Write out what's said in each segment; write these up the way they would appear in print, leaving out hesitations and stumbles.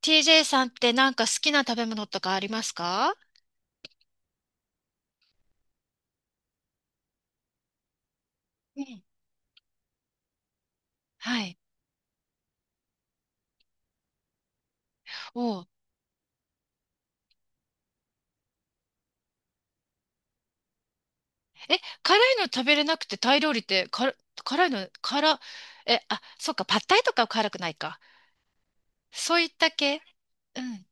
TJ さんってなんか好きな食べ物とかありますか？うん。はい。おう。え、辛いの食べれなくてタイ料理って辛、辛いの、辛、え、あ、そうか、パッタイとかは辛くないか。そういった系。うん。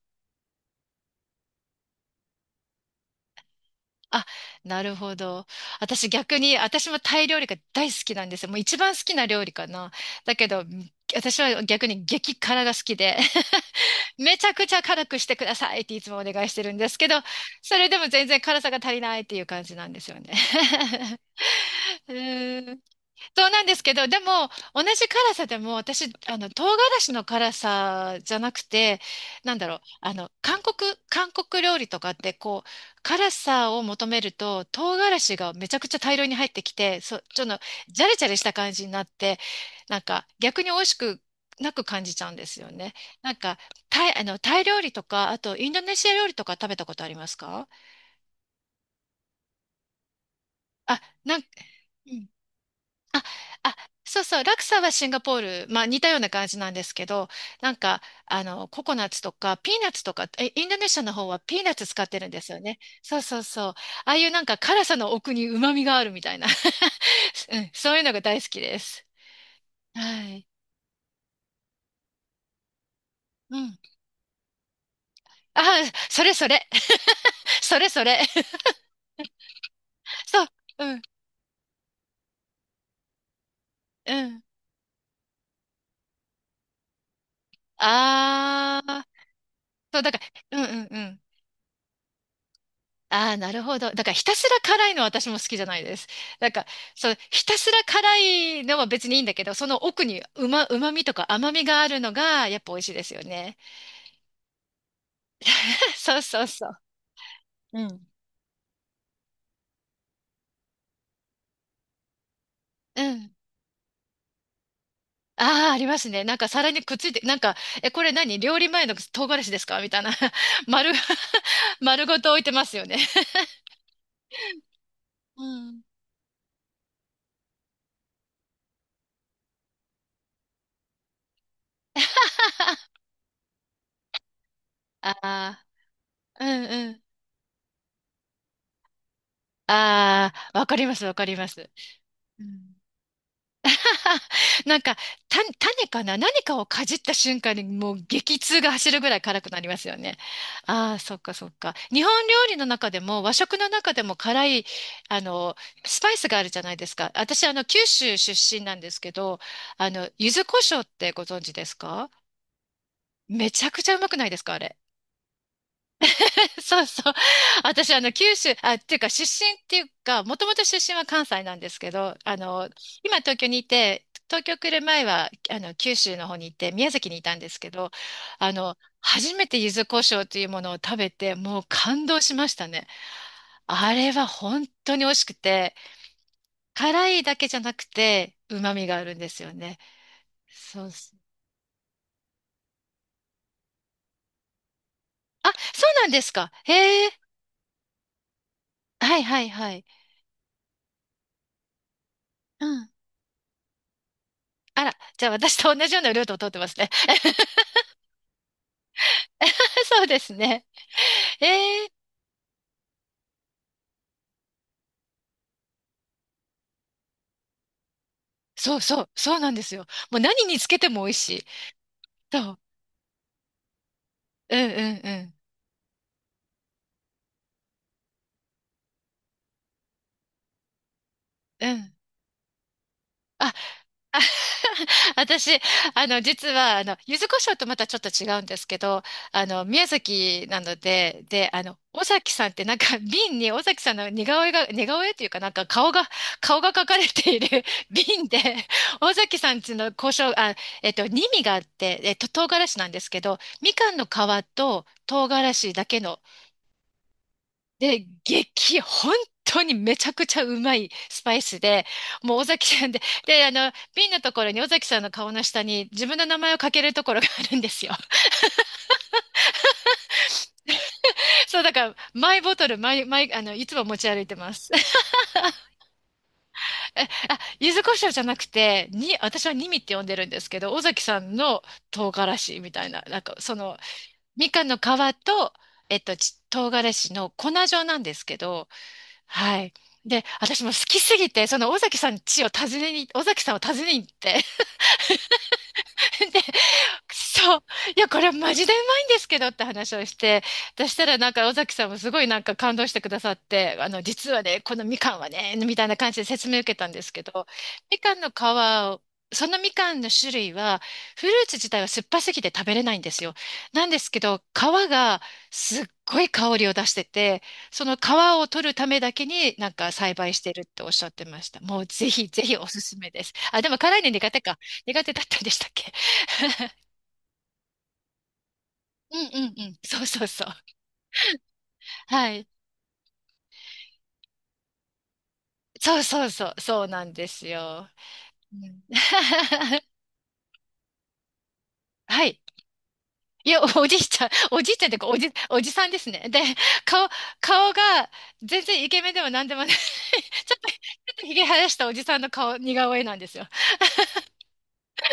あ、なるほど。私逆に、私もタイ料理が大好きなんですよ。もう一番好きな料理かな。だけど、私は逆に激辛が好きで。めちゃくちゃ辛くしてくださいっていつもお願いしてるんですけど、それでも全然辛さが足りないっていう感じなんですよね。うん。そうなんですけど、でも、同じ辛さでも、私、唐辛子の辛さじゃなくて、なんだろう、韓国料理とかって、こう、辛さを求めると、唐辛子がめちゃくちゃ大量に入ってきて、ちょっと、ジャレジャレした感じになって、なんか、逆に美味しくなく感じちゃうんですよね。なんか、タイ料理とか、あと、インドネシア料理とか食べたことありますか？あ、うん。あ、あ、そうそう、ラクサはシンガポール、まあ似たような感じなんですけど、なんか、ココナッツとか、ピーナッツとか、え、インドネシアの方はピーナッツ使ってるんですよね。そうそうそう。ああいうなんか辛さの奥に旨味があるみたいな。うん。そういうのが大好きです。はい。うん。ああ、それそれ。それそれ。そう。うん。うん。ああ。そう、だから、うんうんうん。ああ、なるほど。だからひたすら辛いのは私も好きじゃないです。なんか、そう、ひたすら辛いのは別にいいんだけど、その奥にうまみとか甘みがあるのが、やっぱ美味しいですよね。そうそうそう。うん。うん。ああ、ありますね。なんか皿にくっついて、なんか、え、これ何料理前の唐辛子ですかみたいな。丸、丸ごと置いてますよね。うん。ああ、うんうん。ああ、わかります、わかります。うん なんか、種かな何かをかじった瞬間にもう激痛が走るぐらい辛くなりますよね。ああ、そっかそっか。日本料理の中でも和食の中でも辛い、あの、スパイスがあるじゃないですか。私、九州出身なんですけど、柚子胡椒ってご存知ですか？めちゃくちゃうまくないですか、あれ？そうそう。私、九州、あ、っていうか、出身っていうか、もともと出身は関西なんですけど、今東京にいて、東京来る前は、九州の方に行って、宮崎にいたんですけど、初めて柚子胡椒というものを食べて、もう感動しましたね。あれは本当に美味しくて、辛いだけじゃなくて、旨味があるんですよね。そうそう。あ、そうなんですか。へえ。はいはいはい。うん。あら、じゃあ私と同じようなルートを通ってますね。そうですね。ええ。そうそう、そうなんですよ。もう何につけても美味しい。そう。うんうんうん。うん。あ、あ 私、実は、柚子胡椒とまたちょっと違うんですけど、宮崎なので、で、尾崎さんってなんか瓶に尾崎さんの似顔絵が、似顔絵っていうかなんか顔が、描かれている 瓶で、尾崎さんちの胡椒、あ、に味があって、唐辛子なんですけど、みかんの皮と唐辛子だけので、本当にめちゃくちゃうまいスパイスで、もう尾崎さんで、瓶のところに尾崎さんの顔の下に自分の名前を書けるところがあるんですよ。そう、だから、マイボトル、マイ、マイ、あの、いつも持ち歩いてます。あ、柚子胡椒じゃなくて、私はニミって呼んでるんですけど、尾崎さんの唐辛子みたいな、なんか、みかんの皮と、唐辛子の粉状なんですけど、はい。で、私も好きすぎて、その尾崎さん家を訪ねに、尾崎さんを訪ねに行って、で、そう。いや、これはマジでうまいんですけどって話をして、そしたらなんか尾崎さんもすごいなんか感動してくださって、実はね、このみかんはね、みたいな感じで説明を受けたんですけど、みかんの皮を、そのみかんの種類は、フルーツ自体は酸っぱすぎて食べれないんですよ。なんですけど、皮がすっごい香りを出してて、その皮を取るためだけになんか栽培してるっておっしゃってました。もうぜひぜひおすすめです。あ、でも辛いの苦手か。苦手だったんでしたっけ？うんうんうん。そうそうそう。はい。そうそうそう。そうなんですよ。うん はい。いや、おじいちゃん、おじいちゃんっていうか、おじさんですね。で、顔、顔が全然イケメンでも何でもない。ちょっとひげ生やしたおじさんの顔、似顔絵なんですよ。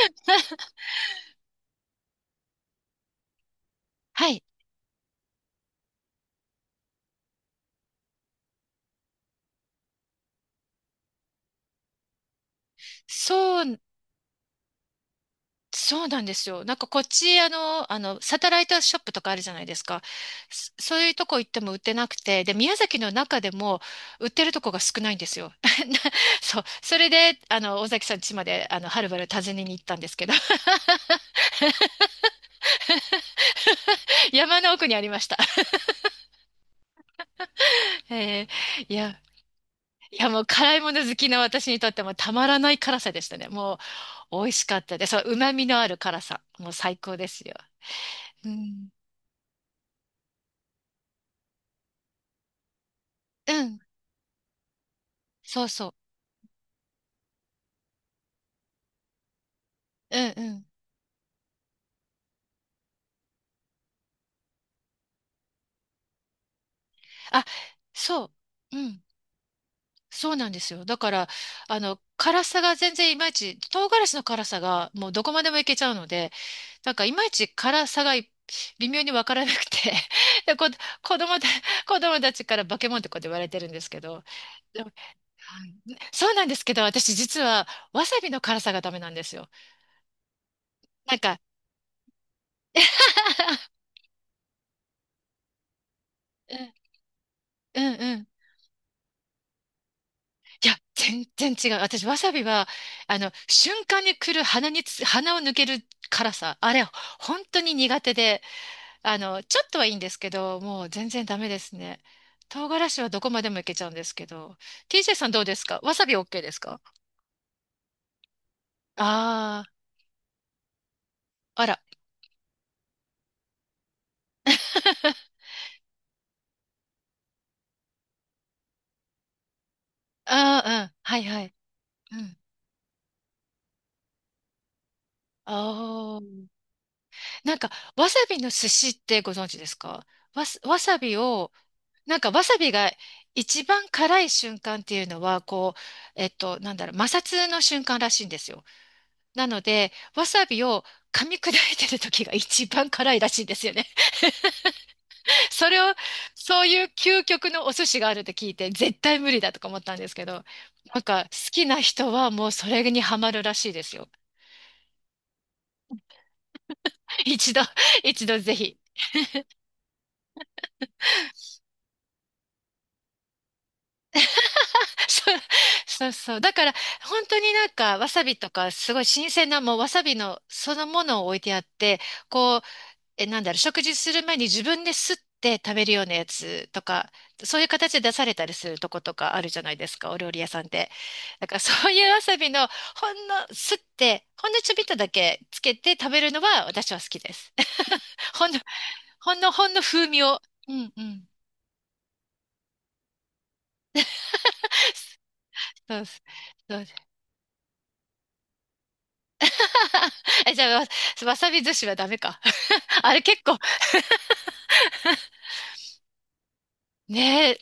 はい。そうそうなんですよ。なんかこっち、サテライトショップとかあるじゃないですか。そういうとこ行っても売ってなくて、で、宮崎の中でも売ってるとこが少ないんですよ。なそう。それで、尾崎さん家まで、はるばる訪ねに行ったんですけど、山の奥にありました。いや、いやもう辛いもの好きな私にとってもたまらない辛さでしたね。もう美味しかったです。そう、旨味のある辛さ。もう最高ですよ。うん。うん。そうそう。うんうん。あ、そう。うん。そうなんですよ。だから、辛さが全然いまいち、唐辛子の辛さがもうどこまでもいけちゃうので、なんかいまいち辛さが微妙にわからなくて、で、こ、子供た、子供たちから化け物ってこうやって言われてるんですけど、でも、はい、そうなんですけど、私実はわさびの辛さがダメなんですよ。なんか、うんうんうん。いや、全然違う。私、わさびは、瞬間に来る鼻につ、鼻を抜ける辛さ。あれ、本当に苦手で。ちょっとはいいんですけど、もう全然ダメですね。唐辛子はどこまでもいけちゃうんですけど。TJ さんどうですか？わさび OK ですか？ああー、あら。ああ、うん。はいはい。うん。ああ。なんか、わさびの寿司ってご存知ですか？わさびを、なんかわさびが一番辛い瞬間っていうのは、こう、なんだろう、摩擦の瞬間らしいんですよ。なので、わさびを噛み砕いてる時が一番辛いらしいんですよね。それを、そういう究極のお寿司があるって聞いて、絶対無理だとか思ったんですけど、なんか好きな人はもうそれにハマるらしいですよ。一度、一度ぜひ。そう、そうそう。だから、本当になんか、わさびとか、すごい新鮮な、もうわさびのそのものを置いてあって、こう、え、なんだろう、食事する前に自分ですって食べるようなやつとか、そういう形で出されたりするとことかあるじゃないですか、お料理屋さんで。だからそういうわさびのほんのちょびっとだけつけて食べるのは私は好きです。ほんの、ほんの風味を。うんうん。そうです。そうです。え、じゃあ、わさび寿司はダメか。あれ結構、ねえ、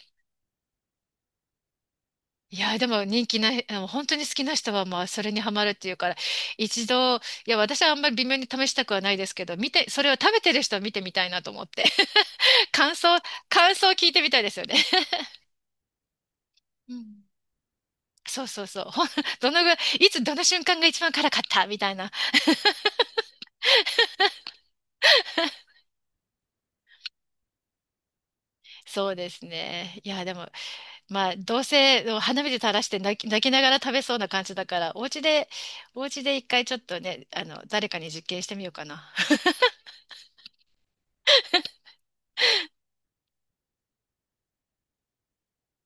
いや、でも人気ない、本当に好きな人はまあそれにハマるっていうから、一度、いや、私はあんまり微妙に試したくはないですけど、見て、それを食べてる人を見てみたいなと思って。感想、感想を聞いてみたいですよね。うん。そうそうそう。どのぐらい、いつどの瞬間が一番辛かったみたいな。そうですね。いや、でも、まあ、どうせ花火で垂らして泣きながら食べそうな感じだから、お家で一回ちょっとね、誰かに実験してみようかな。